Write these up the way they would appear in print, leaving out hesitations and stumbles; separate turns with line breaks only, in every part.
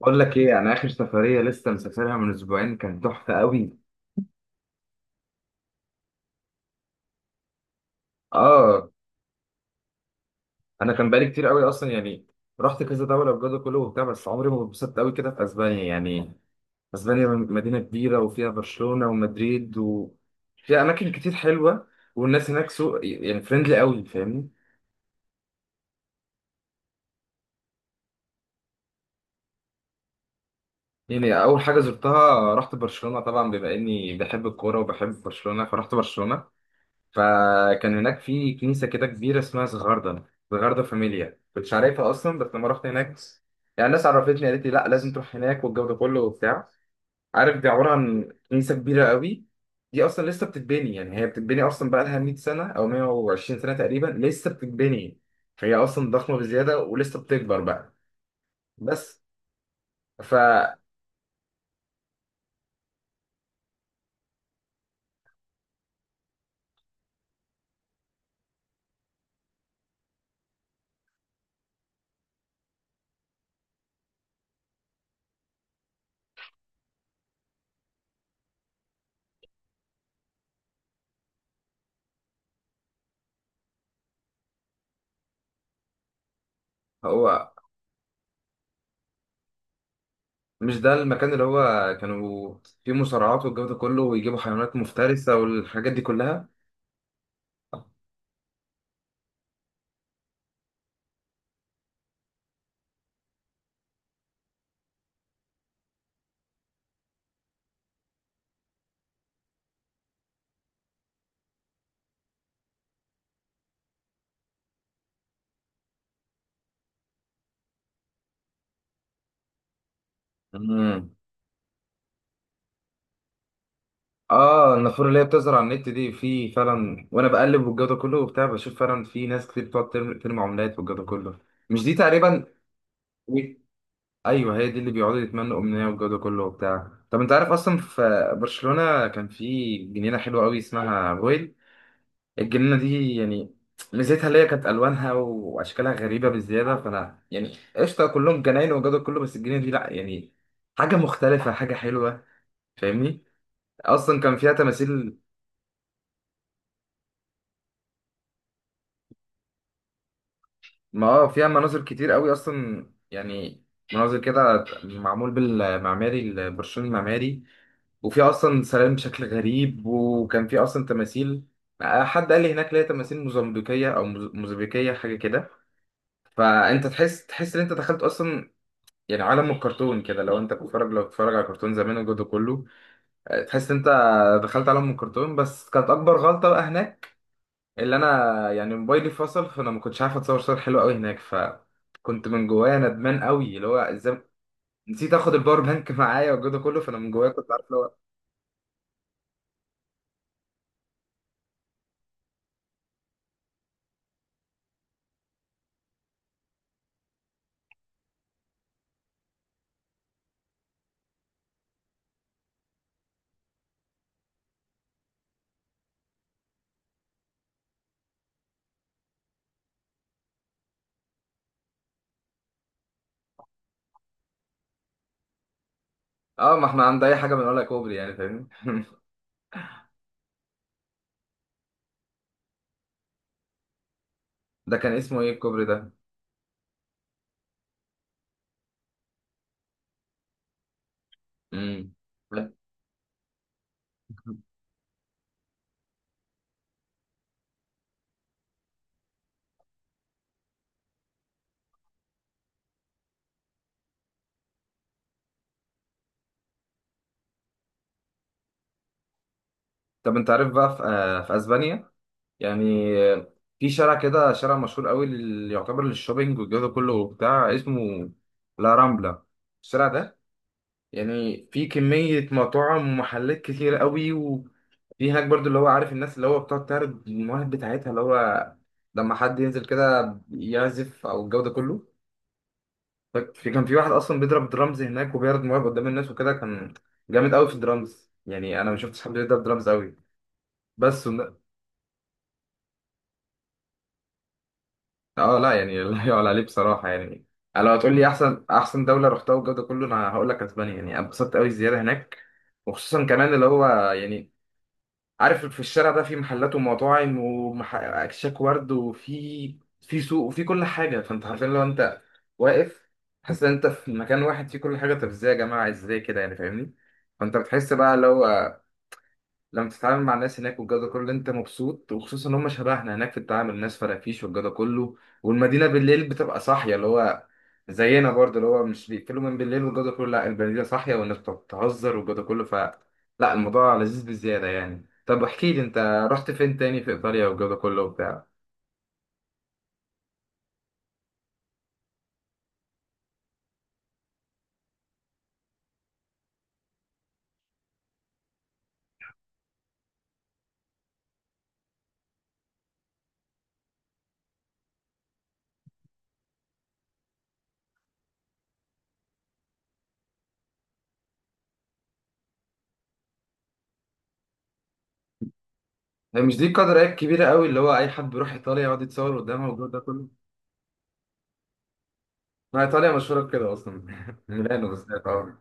بقول لك ايه، انا اخر سفريه لسه مسافرها من اسبوعين كانت تحفه قوي. اه، انا كان بقالي كتير قوي اصلا يعني، رحت كذا دوله بجد كله وبتاع، بس عمري ما اتبسطت قوي كده في اسبانيا يعني. اسبانيا مدينه كبيره وفيها برشلونه ومدريد وفيها اماكن كتير حلوه، والناس هناك سوق يعني فريندلي قوي، فاهمني. يعني اول حاجه زرتها رحت برشلونه، طبعا بما اني بحب الكوره وبحب برشلونه فرحت برشلونه. فكان هناك في كنيسة كده كبيرة اسمها زغاردة، زغاردة فاميليا، كنتش عارفها أصلا بس لما رحت هناك يعني الناس عرفتني، قالت لي لا لازم تروح هناك والجو ده كله وبتاع. عارف دي عبارة عن كنيسة كبيرة قوي، دي أصلا لسه بتتبني، يعني هي بتتبني أصلا، بقى لها 100 سنة أو 120 سنة تقريبا لسه بتتبني. فهي أصلا ضخمة بزيادة ولسه بتكبر بقى. بس فهو مش ده المكان اللي هو كانوا فيه مصارعات والجو ده كله، ويجيبوا حيوانات مفترسة والحاجات دي كلها؟ مم. اه، النافوره اللي هي بتظهر على النت دي في فعلا، وانا بقلب والجو ده كله وبتاع بشوف فعلا في ناس كتير بتقعد ترمي عملات والجو ده كله. مش دي تقريبا؟ و... ايوه هي دي اللي بيقعدوا يتمنوا امنيه والجو ده كله وبتاع. طب انت عارف اصلا، في برشلونه كان في جنينه حلوه قوي اسمها رويل، الجنينه دي يعني ميزتها اللي هي كانت الوانها واشكالها غريبه بالزياده. فانا يعني قشطه كلهم جناين والجو ده كله، بس الجنينه دي لا، يعني حاجه مختلفه، حاجه حلوه، فاهمني. اصلا كان فيها تماثيل. ما اه فيها مناظر كتير قوي اصلا يعني، مناظر كده معمول بالمعماري البرشلوني المعماري، وفيها اصلا سلام بشكل غريب، وكان فيه اصلا تماثيل. حد قال لي هناك ليه تماثيل موزمبيقيه او موزمبيقيه حاجه كده. فانت تحس ان انت دخلت اصلا يعني عالم الكرتون كده، لو انت بتتفرج، لو بتتفرج على كرتون زمان وجوده كله. تحس ان انت دخلت عالم الكرتون. بس كانت اكبر غلطه بقى هناك اللي انا يعني موبايلي فصل، فانا ما كنتش عارف اتصور صور حلوه قوي هناك، فكنت من جوايا ندمان قوي، اللي هو ازاي نسيت اخد الباور بانك معايا وجوده كله. فانا من جوايا كنت عارف اللي هو، اه ما احنا عند اي حاجه بنقولها كوبري يعني، فاهمني ده كان اسمه ايه الكوبري ده؟ امم، لا. طب انت عارف بقى، في, في اسبانيا يعني، في شارع كده، شارع مشهور قوي اللي يعتبر للشوبينج والجو ده كله وبتاع، اسمه لا رامبلا. الشارع ده يعني في كمية مطاعم ومحلات كتير قوي، وفي هناك برضو اللي هو، عارف الناس اللي هو بتقعد تعرض المواهب بتاعتها، اللي هو لما حد ينزل كده يعزف أو الجو ده كله. في كان في واحد أصلا بيضرب درامز هناك وبيعرض مواهب قدام الناس، وكده كان جامد قوي في الدرامز يعني. أنا ما شفتش حد بيضرب درامز قوي. بس اه لا، يعني لا يعلى عليه بصراحة يعني. لو هتقول لي أحسن دولة رحتها والجو ده كله، أنا هقول لك أسبانيا، يعني أنا اتبسطت قوي الزيارة هناك. وخصوصا كمان اللي هو، يعني عارف، في الشارع ده في محلات ومطاعم واكشاك ورد، وفي في سوق وفي كل حاجه. فانت حرفيا لو انت واقف، حاسس ان انت في مكان واحد فيه كل حاجه. طب ازاي يا جماعه، ازاي كده يعني؟ فاهمني. فانت بتحس بقى لو، لما تتعامل مع الناس هناك والجو ده كله انت مبسوط. وخصوصا ان هم شبهنا هناك في التعامل، الناس فرافيش والجو ده كله. والمدينه بالليل بتبقى صاحيه، اللي هو زينا برضه، اللي هو مش بيقفلوا من بالليل والجو ده كله، لا المدينه صاحيه والناس بتهزر والجو ده كله. ف لا، الموضوع لذيذ بزياده يعني. طب احكي لي انت، رحت فين تاني في ايطاليا والجو ده كله وبتاع؟ هي مش دي قدر ايه، كبيره قوي اللي هو اي حد بيروح ايطاليا يقعد يتصور قدامها والجو ده كله. ما ايطاليا مشهوره بكده اصلا ميلانو بالذات اه.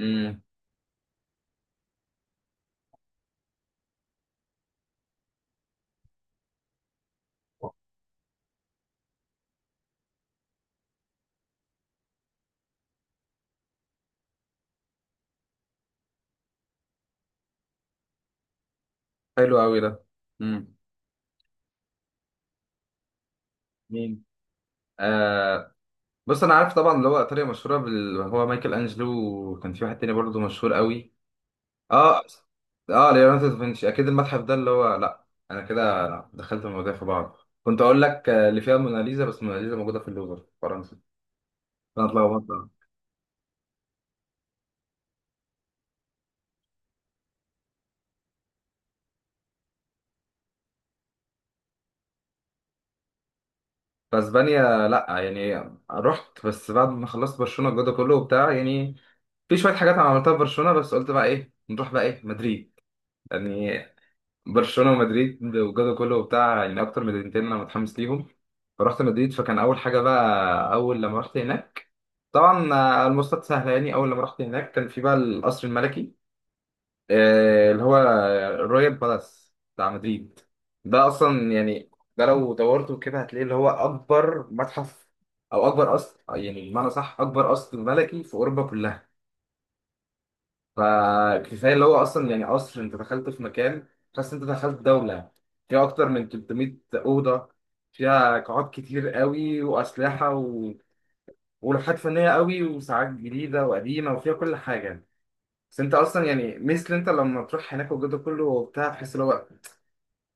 امم، حلو قوي ده. امم، مين؟ آه، بص انا عارف طبعا اللي هو ايطاليا مشهوره هو مايكل انجلو، وكان في واحد تاني برضه مشهور قوي. اه، اه ليوناردو دافنشي اكيد. المتحف ده اللي هو لا، انا كده دخلت المواضيع في بعض. كنت اقول لك اللي فيها الموناليزا، بس الموناليزا موجوده في اللوفر في فرنسا، فانا اتلخبطت. في اسبانيا لا يعني، رحت بس بعد ما خلصت برشلونه الجو ده كله وبتاع يعني. في شويه حاجات انا عملتها في برشلونه، بس قلت بقى ايه، نروح بقى ايه مدريد يعني. برشلونه ومدريد والجو كله وبتاع يعني اكتر مدينتين انا متحمس ليهم. فرحت مدريد، فكان اول حاجه بقى، اول لما رحت هناك طبعا المواصلات سهله يعني. اول لما رحت هناك كان في بقى القصر الملكي، اللي هو الرويال بالاس بتاع مدريد. ده اصلا يعني، ده لو دورته كده هتلاقيه اللي هو اكبر متحف، او اكبر قصر، يعني بمعنى صح اكبر قصر ملكي في اوروبا كلها. فكفايه اللي هو اصلا يعني قصر، انت دخلت في مكان حاسس انت دخلت دوله، فيها اكتر من 300 اوضه، فيها قاعات كتير قوي واسلحه ولوحات فنيه قوي وساعات جديده وقديمه وفيها كل حاجه. بس انت اصلا يعني مثل، انت لما تروح هناك والجو ده كله وبتاع تحس اللي هو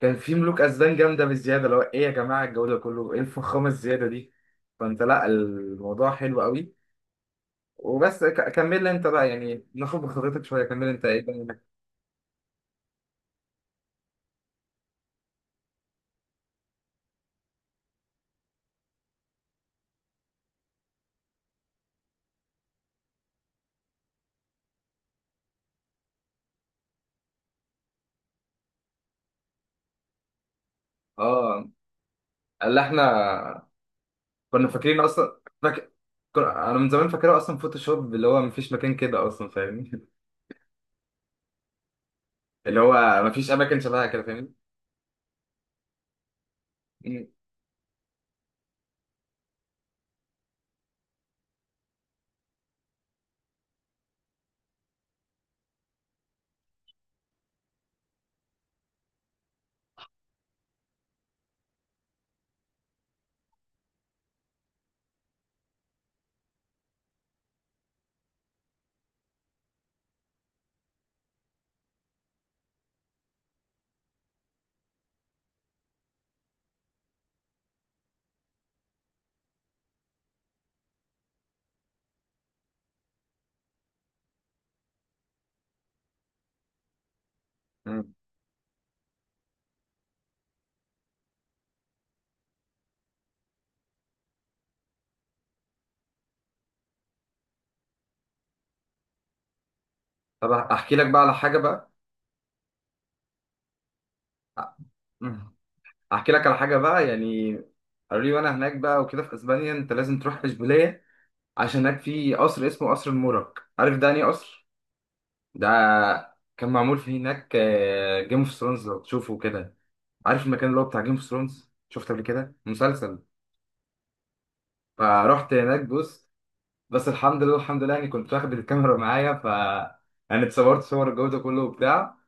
كان في ملوك اسبان جامده بالزياده. اللي هو ايه يا جماعه الجو ده كله، ايه الفخامه الزياده دي؟ فانت لا الموضوع حلو قوي. وبس كمل لي انت بقى، يعني ناخد بخبرتك شويه. كمل انت ايه بقى. اه اللي احنا كنا فاكرين اصلا، فاكر انا من زمان فاكرها اصلا فوتوشوب، اللي هو مفيش مكان كده اصلا، فاهمني اللي هو مفيش اماكن شبهها كده، فاهمني. مم. مم. طب احكي لك بقى على حاجه بقى. مم. احكي لك على حاجه بقى يعني، قالوا لي وانا هناك بقى وكده في اسبانيا، انت لازم تروح اشبيليه، عشان هناك في قصر اسمه قصر المورك. عارف ده انهي قصر؟ ده كان معمول فيه هناك جيم اوف ثرونز لو تشوفه كده. عارف المكان اللي هو بتاع جيم اوف ثرونز، شفته قبل كده مسلسل؟ فرحت هناك. بص، بس الحمد لله الحمد لله يعني كنت واخد الكاميرا معايا، ف يعني اتصورت صور الجودة كله وبتاع.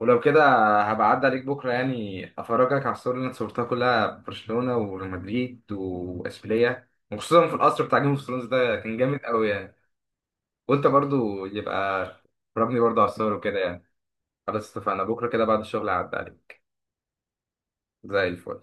ولو كده هبعد عليك بكرة، يعني أفرجك على الصور اللي أنا صورتها كلها في برشلونة ومدريد وإشبيلية، وخصوصا في القصر بتاع جيم اوف ثرونز ده، كان جامد قوي يعني. وأنت برضو يبقى ربني برضو على الصور وكده يعني. خلاص اتفقنا، بكرة كده بعد الشغل هعدي عليك، زي الفل.